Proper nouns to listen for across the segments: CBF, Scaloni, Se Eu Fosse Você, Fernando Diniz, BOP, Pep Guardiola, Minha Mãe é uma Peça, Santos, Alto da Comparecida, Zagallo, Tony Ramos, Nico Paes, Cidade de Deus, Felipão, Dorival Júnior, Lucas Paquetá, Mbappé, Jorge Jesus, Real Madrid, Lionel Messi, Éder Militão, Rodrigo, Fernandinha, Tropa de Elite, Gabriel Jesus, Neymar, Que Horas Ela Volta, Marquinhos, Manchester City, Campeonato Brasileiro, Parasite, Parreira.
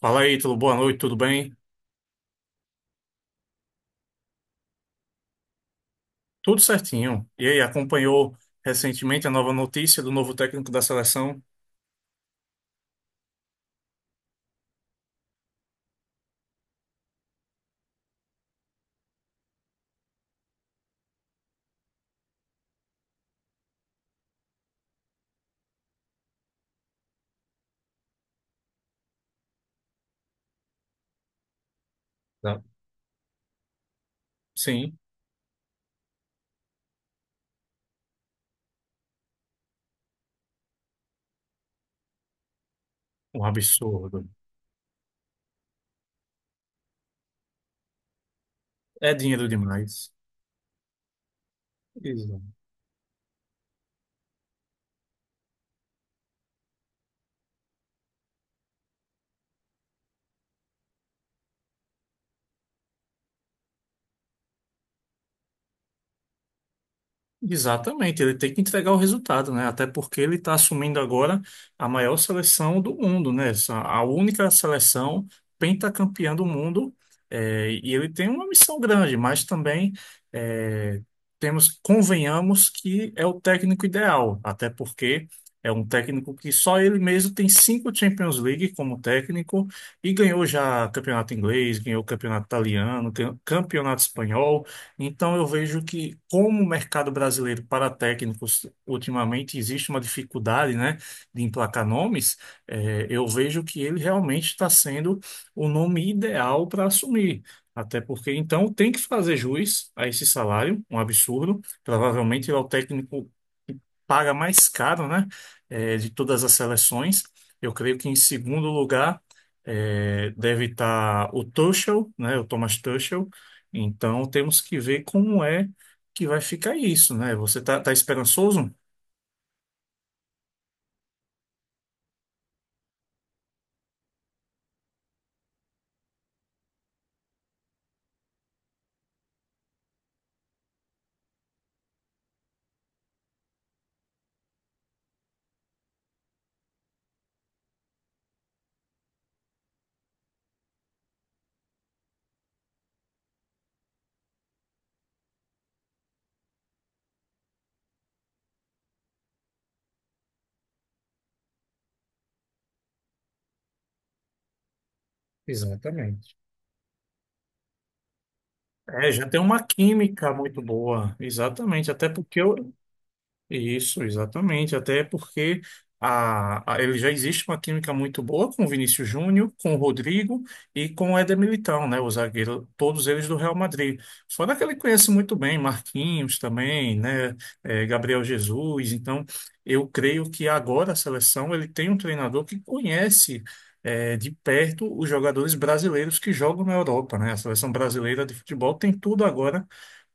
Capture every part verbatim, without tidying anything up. Fala aí, tudo boa noite, tudo bem? Tudo certinho. E aí, acompanhou recentemente a nova notícia do novo técnico da seleção? Tá. Sim, um absurdo. É dinheiro demais. Exatamente, ele tem que entregar o resultado, né? Até porque ele está assumindo agora a maior seleção do mundo, né? Essa- A única seleção pentacampeã do mundo, é, e ele tem uma missão grande, mas também é, temos, convenhamos que é o técnico ideal, até porque é um técnico que só ele mesmo tem cinco Champions League como técnico e ganhou já campeonato inglês, ganhou campeonato italiano, ganhou campeonato espanhol. Então, eu vejo que, como o mercado brasileiro para técnicos, ultimamente existe uma dificuldade, né, de emplacar nomes, eh, eu vejo que ele realmente está sendo o nome ideal para assumir. Até porque, então, tem que fazer jus a esse salário, um absurdo. Provavelmente ele é o técnico que paga mais caro, né, eh, de todas as seleções. Eu creio que, em segundo lugar, eh, deve estar o Tuchel, né, o Thomas Tuchel, então temos que ver como é que vai ficar isso, né? Você tá, tá esperançoso? Exatamente. É, já tem uma química muito boa, exatamente, até porque eu, isso, exatamente. Até porque a, a- ele já existe uma química muito boa com o Vinícius Júnior, com o Rodrigo e com o Éder Militão, né? O zagueiro, todos eles do Real Madrid. Fora que ele conhece muito bem Marquinhos também, né? eh, Gabriel Jesus. Então, eu creio que agora a seleção ele tem um treinador que conhece. Eh, de perto os jogadores brasileiros que jogam na Europa, né? A seleção brasileira de futebol tem tudo agora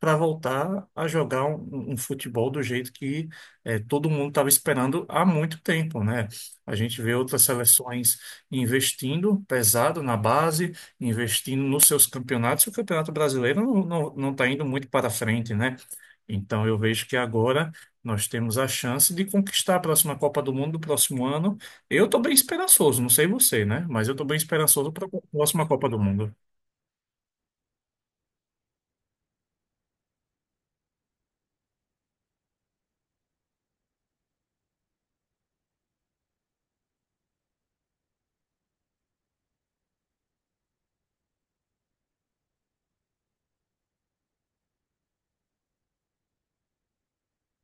para voltar a jogar um, um futebol do jeito que eh, todo mundo estava esperando há muito tempo, né? A gente vê outras seleções investindo pesado na base, investindo nos seus campeonatos, e o Campeonato Brasileiro não, não, não está indo muito para frente, né? Então eu vejo que agora nós temos a chance de conquistar a próxima Copa do Mundo do próximo ano. Eu estou bem esperançoso, não sei você, né? Mas eu estou bem esperançoso para a próxima Copa do Mundo.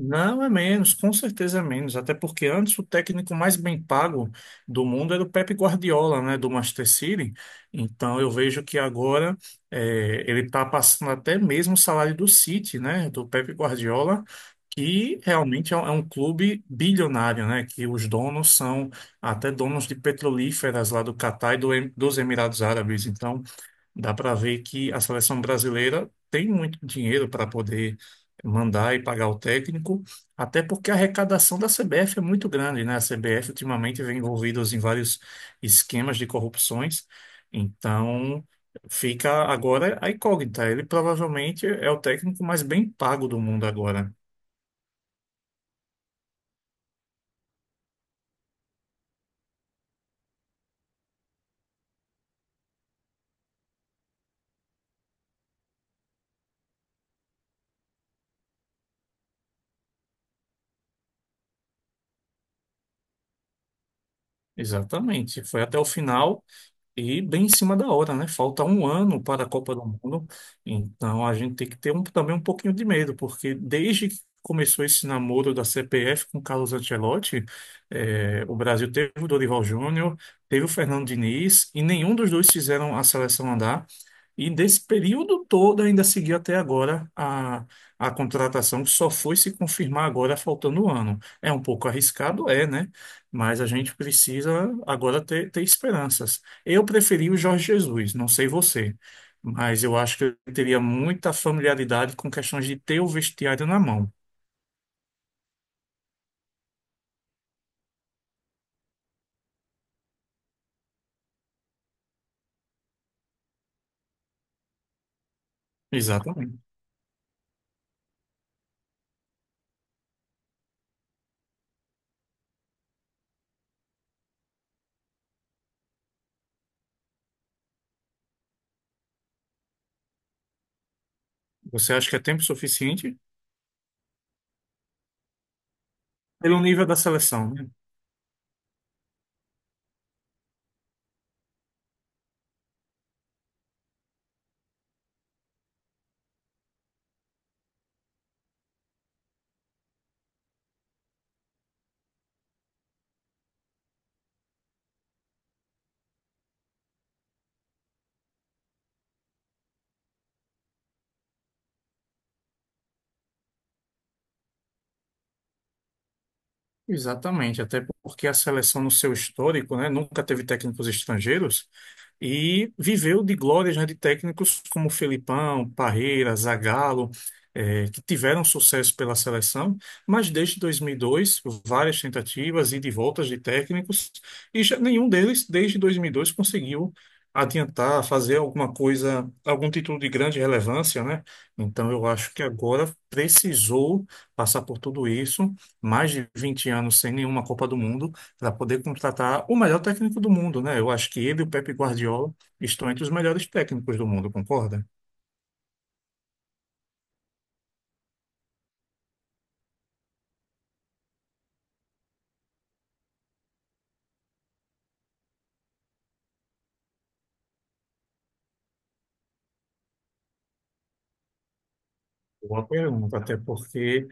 Não, é menos, com certeza é menos, até porque antes o técnico mais bem pago do mundo era o Pep Guardiola, né, do Manchester City. Então eu vejo que agora eh, ele está passando até mesmo o salário do City, né, do Pep Guardiola, que realmente é um, é um clube bilionário, né, que os donos são até donos de petrolíferas lá do Catar e do Em- dos Emirados Árabes. Então dá para ver que a seleção brasileira tem muito dinheiro para poder mandar e pagar o técnico, até porque a arrecadação da C B F é muito grande, né? A C B F ultimamente vem envolvida em vários esquemas de corrupções, então fica agora a incógnita. Ele provavelmente é o técnico mais bem pago do mundo agora. Exatamente. Foi até o final. E bem em cima da hora, né? Falta um ano para a Copa do Mundo, então a gente tem que ter um- também um pouquinho de medo, porque desde que começou esse namoro da C P F com Carlos Ancelotti, eh, o Brasil teve o Dorival Júnior, teve o Fernando Diniz, e nenhum dos dois fizeram a seleção andar. E desse período todo ainda seguiu até agora a, a contratação, que só foi se confirmar agora, faltando um ano. É um pouco arriscado, é, né? Mas a gente precisa agora ter, ter esperanças. Eu preferi o Jorge Jesus, não sei você, mas eu acho que eu teria muita familiaridade com questões de ter o vestiário na mão. Exatamente. Você acha que é tempo suficiente? Pelo nível da seleção, né? Exatamente, até porque a seleção no seu histórico, né, nunca teve técnicos estrangeiros, e viveu de glórias, né, de técnicos como Felipão, Parreira, Zagallo, eh, que tiveram sucesso pela seleção, mas desde dois mil e dois, várias tentativas e de voltas de técnicos, e já nenhum deles, desde dois mil e dois, conseguiu adiantar, fazer alguma coisa, algum título de grande relevância, né? Então eu acho que agora precisou passar por tudo isso, mais de vinte anos sem nenhuma Copa do Mundo, para poder contratar o melhor técnico do mundo, né? Eu acho que ele e o Pepe Guardiola estão entre os melhores técnicos do mundo, concorda? Boa pergunta, até porque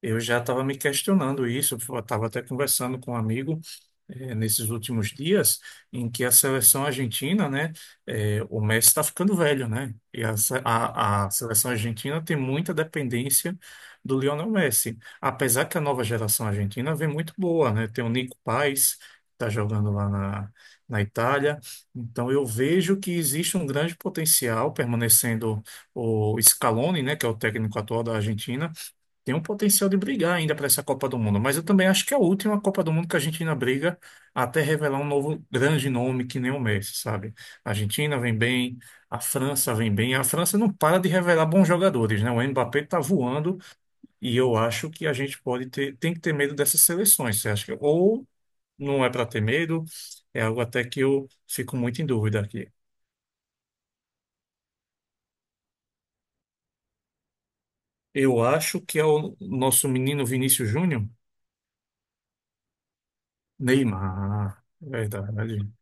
eu já estava me questionando isso, eu estava até conversando com um amigo eh, nesses últimos dias, em que a seleção argentina, né, eh, o Messi está ficando velho, né? E a, se- a- a seleção argentina tem muita dependência do Lionel Messi, apesar que a nova geração argentina vem muito boa, né? Tem o Nico Paes, que está jogando lá na, na Itália, então eu vejo que existe um grande potencial permanecendo o Scaloni, né, que é o técnico atual da Argentina, tem um potencial de brigar ainda para essa Copa do Mundo, mas eu também acho que é a última Copa do Mundo que a Argentina briga até revelar um novo grande nome que nem o Messi, sabe? A Argentina vem bem, a França vem bem, a França não para de revelar bons jogadores, né? O Mbappé tá voando e eu acho que a gente pode ter, tem que ter medo dessas seleções, você acha que ou não é para ter medo, é algo até que eu fico muito em dúvida aqui. Eu acho que é o nosso menino Vinícius Júnior, Neymar, verdade.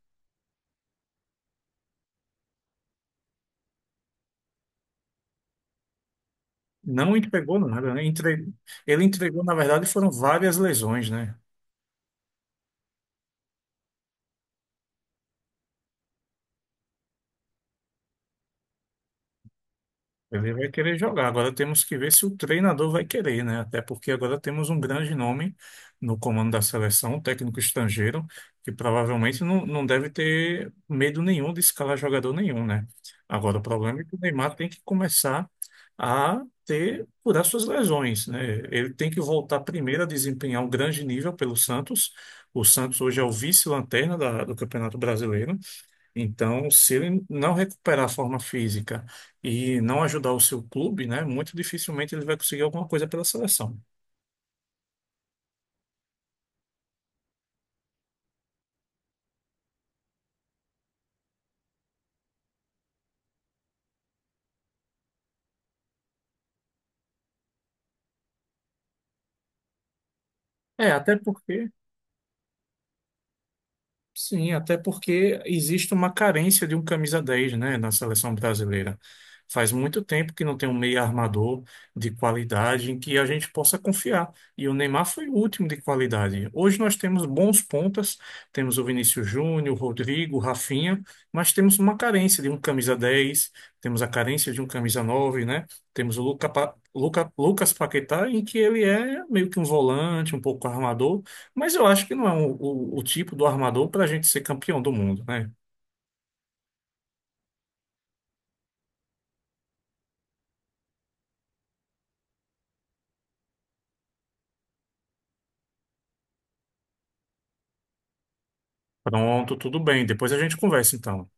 Não entregou nada, né? Entre- Ele entregou, na verdade, foram várias lesões, né? Ele vai querer jogar. Agora temos que ver se o treinador vai querer, né? Até porque agora temos um grande nome no comando da seleção, um técnico estrangeiro, que provavelmente não, não deve ter medo nenhum de escalar jogador nenhum, né? Agora o problema é que o Neymar tem que começar a ter curar suas lesões, né? Ele tem que voltar primeiro a desempenhar um grande nível pelo Santos. O Santos hoje é o vice-lanterna da- do Campeonato Brasileiro. Então, se ele não recuperar a forma física e não ajudar o seu clube, né, muito dificilmente ele vai conseguir alguma coisa pela seleção. É, até porque sim, até porque existe uma carência de um camisa dez né, na seleção brasileira. Faz muito tempo que não tem um meio armador de qualidade em que a gente possa confiar. E o Neymar foi o último de qualidade. Hoje nós temos bons pontas, temos o Vinícius Júnior, o Rodrigo, o Rafinha, mas temos uma carência de um camisa dez, temos a carência de um camisa nove né? Temos o Luca, Pa- Luca, Lucas Paquetá, em que ele é meio que um volante, um pouco armador, mas eu acho que não é o, o- o tipo do armador para a gente ser campeão do mundo, né? Pronto, tudo bem. Depois a gente conversa então.